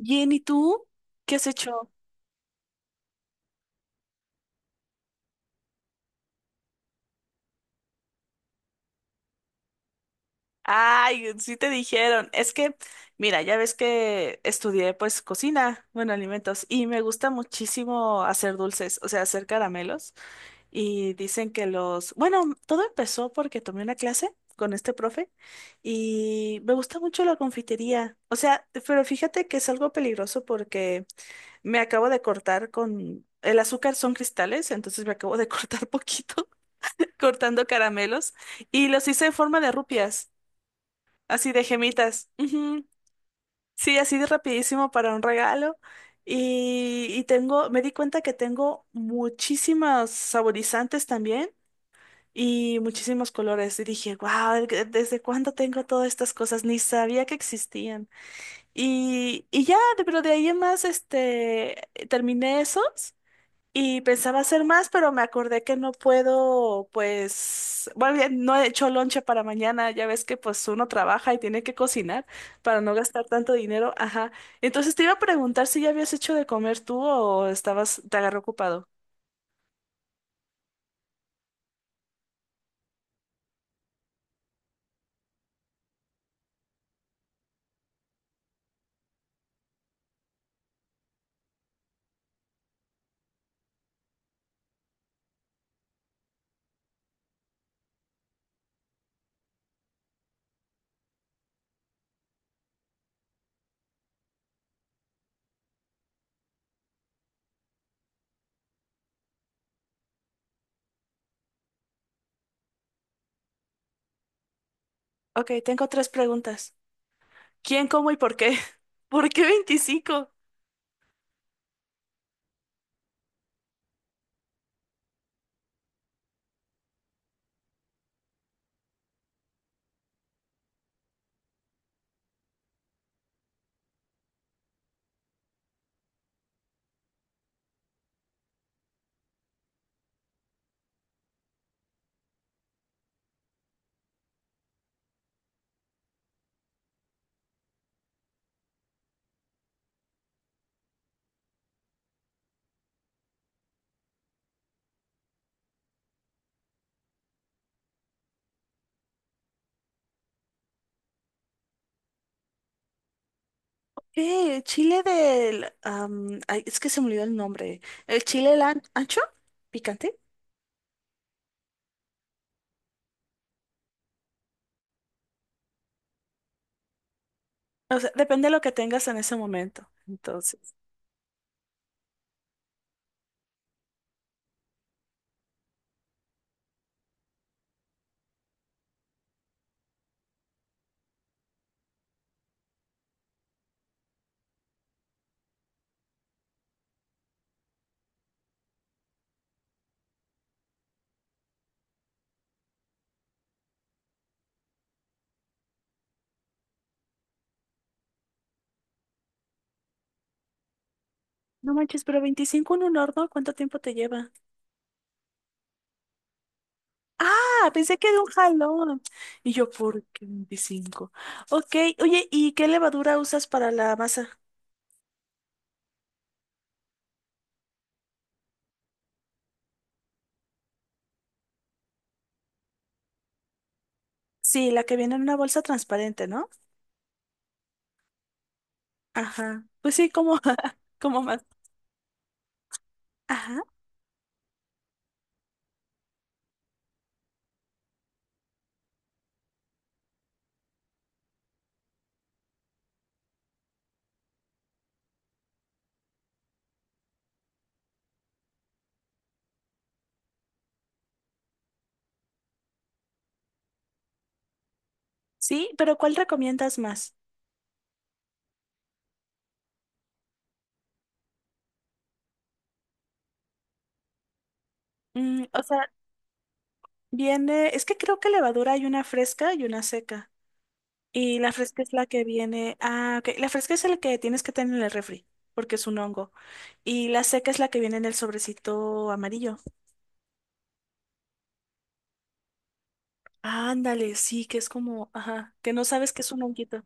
Bien, ¿y tú? ¿Qué has hecho? Ay, sí te dijeron. Es que, mira, ya ves que estudié pues cocina, bueno, alimentos, y me gusta muchísimo hacer dulces, o sea, hacer caramelos. Y dicen que los, bueno, todo empezó porque tomé una clase con este profe y me gusta mucho la confitería. O sea, pero fíjate que es algo peligroso porque me acabo de cortar con... El azúcar son cristales, entonces me acabo de cortar poquito. Cortando caramelos y los hice en forma de rupias, así de gemitas. Ujú. Sí, así de rapidísimo para un regalo. Y tengo, me di cuenta que tengo muchísimos saborizantes también y muchísimos colores. Y dije, wow, ¿desde cuándo tengo todas estas cosas? Ni sabía que existían. Y ya, pero de ahí en más, este, terminé esos. Y pensaba hacer más, pero me acordé que no puedo, pues, bueno, ya no he hecho lonche para mañana, ya ves que pues uno trabaja y tiene que cocinar para no gastar tanto dinero, ajá. Entonces te iba a preguntar si ya habías hecho de comer tú o estabas, te agarró ocupado. Ok, tengo tres preguntas. ¿Quién, cómo y por qué? ¿Por qué 25? ¿Qué? ¿Chile del... ay, es que se me olvidó el nombre. ¿El chile ancho? ¿Picante? O sea, depende de lo que tengas en ese momento. Entonces, no manches, pero 25 en un horno, ¿cuánto tiempo te lleva? Ah, pensé que de un jalón. Y yo, ¿por qué 25? Ok, oye, ¿y qué levadura usas para la masa? Sí, la que viene en una bolsa transparente, ¿no? Ajá. Pues sí, como, como más. Ajá. Sí, pero ¿cuál recomiendas más? Mm, o sea, viene, es que creo que levadura hay una fresca y una seca. Y la fresca es la que viene. Ah, ok. La fresca es la que tienes que tener en el refri, porque es un hongo. Y la seca es la que viene en el sobrecito amarillo. Ándale, sí, que es como, ajá, que no sabes que es un honguito.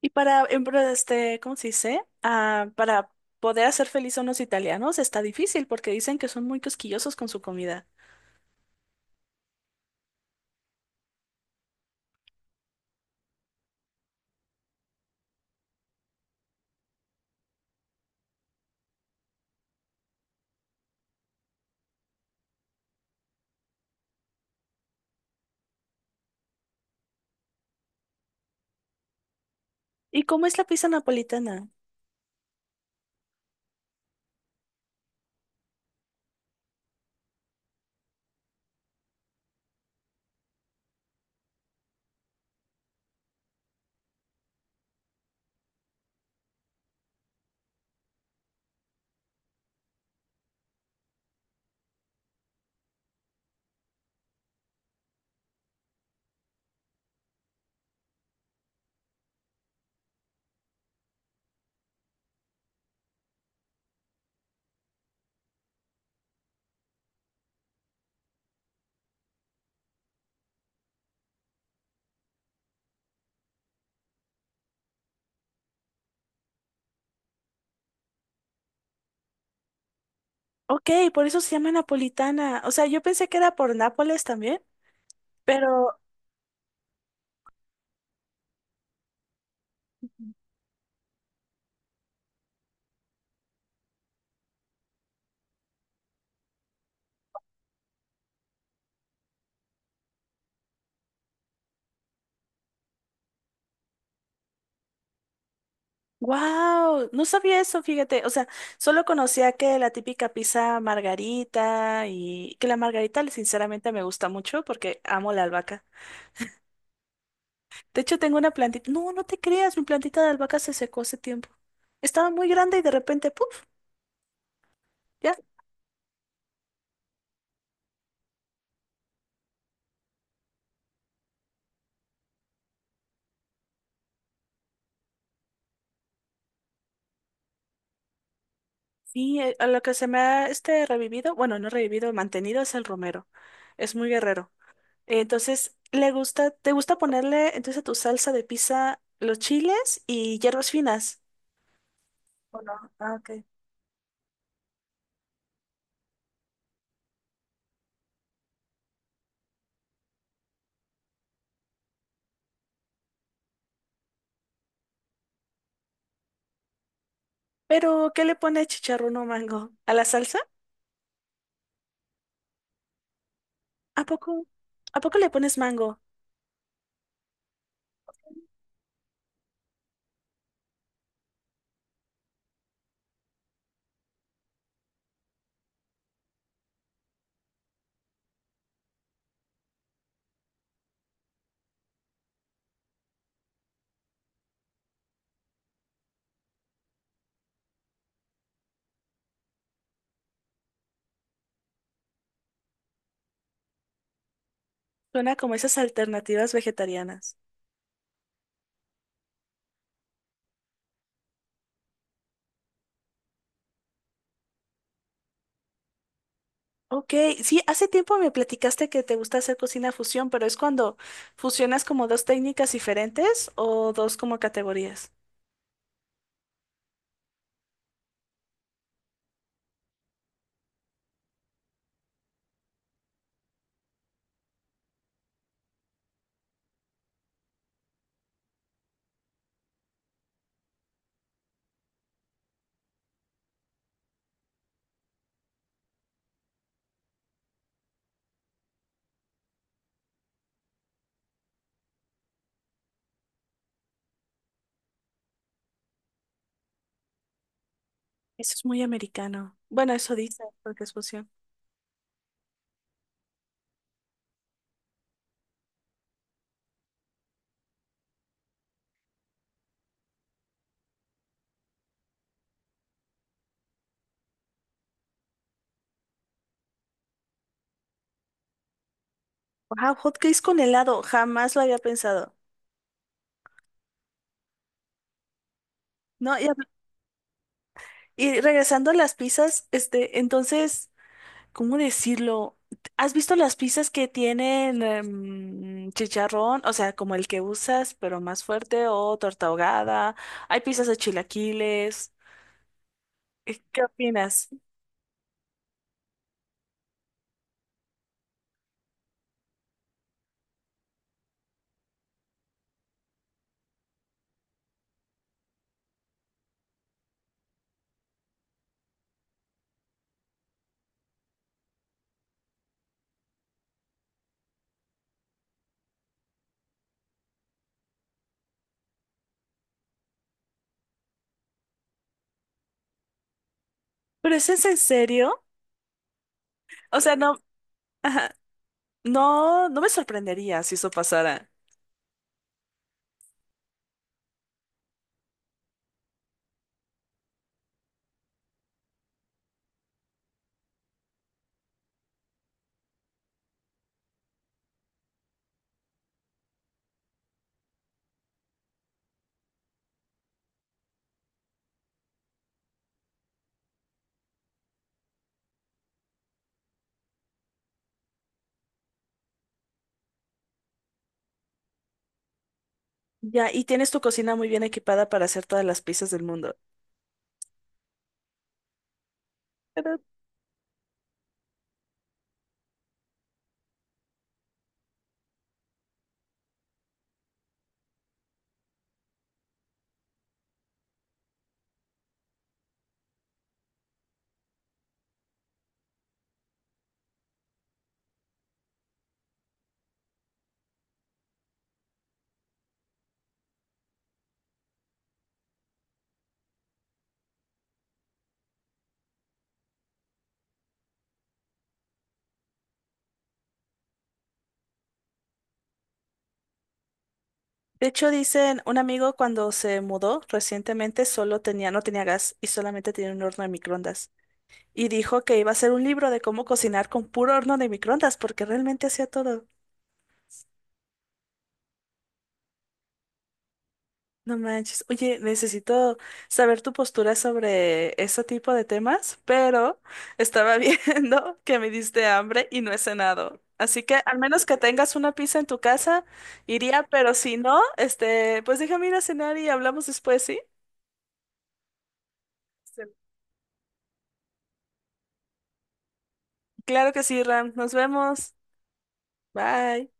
Y para, este, ¿cómo se dice? Ah, para poder hacer feliz a unos italianos está difícil porque dicen que son muy cosquillosos con su comida. ¿Y cómo es la pizza napolitana? Ok, por eso se llama napolitana. O sea, yo pensé que era por Nápoles también, pero wow, no sabía eso, fíjate. O sea, solo conocía que la típica pizza margarita y que la margarita sinceramente me gusta mucho porque amo la albahaca. De hecho, tengo una plantita. No, no te creas, mi plantita de albahaca se secó hace tiempo. Estaba muy grande y de repente, ¡puf! Ya. Sí, a lo que se me ha este revivido, bueno, no revivido, mantenido es el romero. Es muy guerrero. Entonces, le gusta, ¿te gusta ponerle entonces a tu salsa de pizza los chiles y hierbas finas? ¿O no? Ah, ok. Pero, ¿qué le pone chicharrón o mango? ¿A la salsa? ¿A poco? ¿A poco le pones mango? Suena como esas alternativas vegetarianas. Ok, sí, hace tiempo me platicaste que te gusta hacer cocina fusión, pero es cuando fusionas como dos técnicas diferentes o dos como categorías. Eso es muy americano. Bueno, eso dice, porque es fusión. Wow, hot cakes con helado, jamás lo había pensado. No, y regresando a las pizzas, este, entonces, ¿cómo decirlo? ¿Has visto las pizzas que tienen em, chicharrón? O sea, como el que usas, pero más fuerte, o torta ahogada. Hay pizzas de chilaquiles. ¿Qué opinas? ¿Pero eso es en serio? O sea, no, ajá, no, no me sorprendería si eso pasara. Ya, y tienes tu cocina muy bien equipada para hacer todas las pizzas del mundo. De hecho, dicen, un amigo cuando se mudó recientemente solo tenía, no tenía gas y solamente tenía un horno de microondas. Y dijo que iba a hacer un libro de cómo cocinar con puro horno de microondas, porque realmente hacía todo. No manches. Oye, necesito saber tu postura sobre ese tipo de temas, pero estaba viendo que me diste hambre y no he cenado. Así que al menos que tengas una pizza en tu casa, iría, pero si no, este, pues déjame ir a cenar y hablamos después, ¿sí? Claro que sí, Ram. Nos vemos. Bye.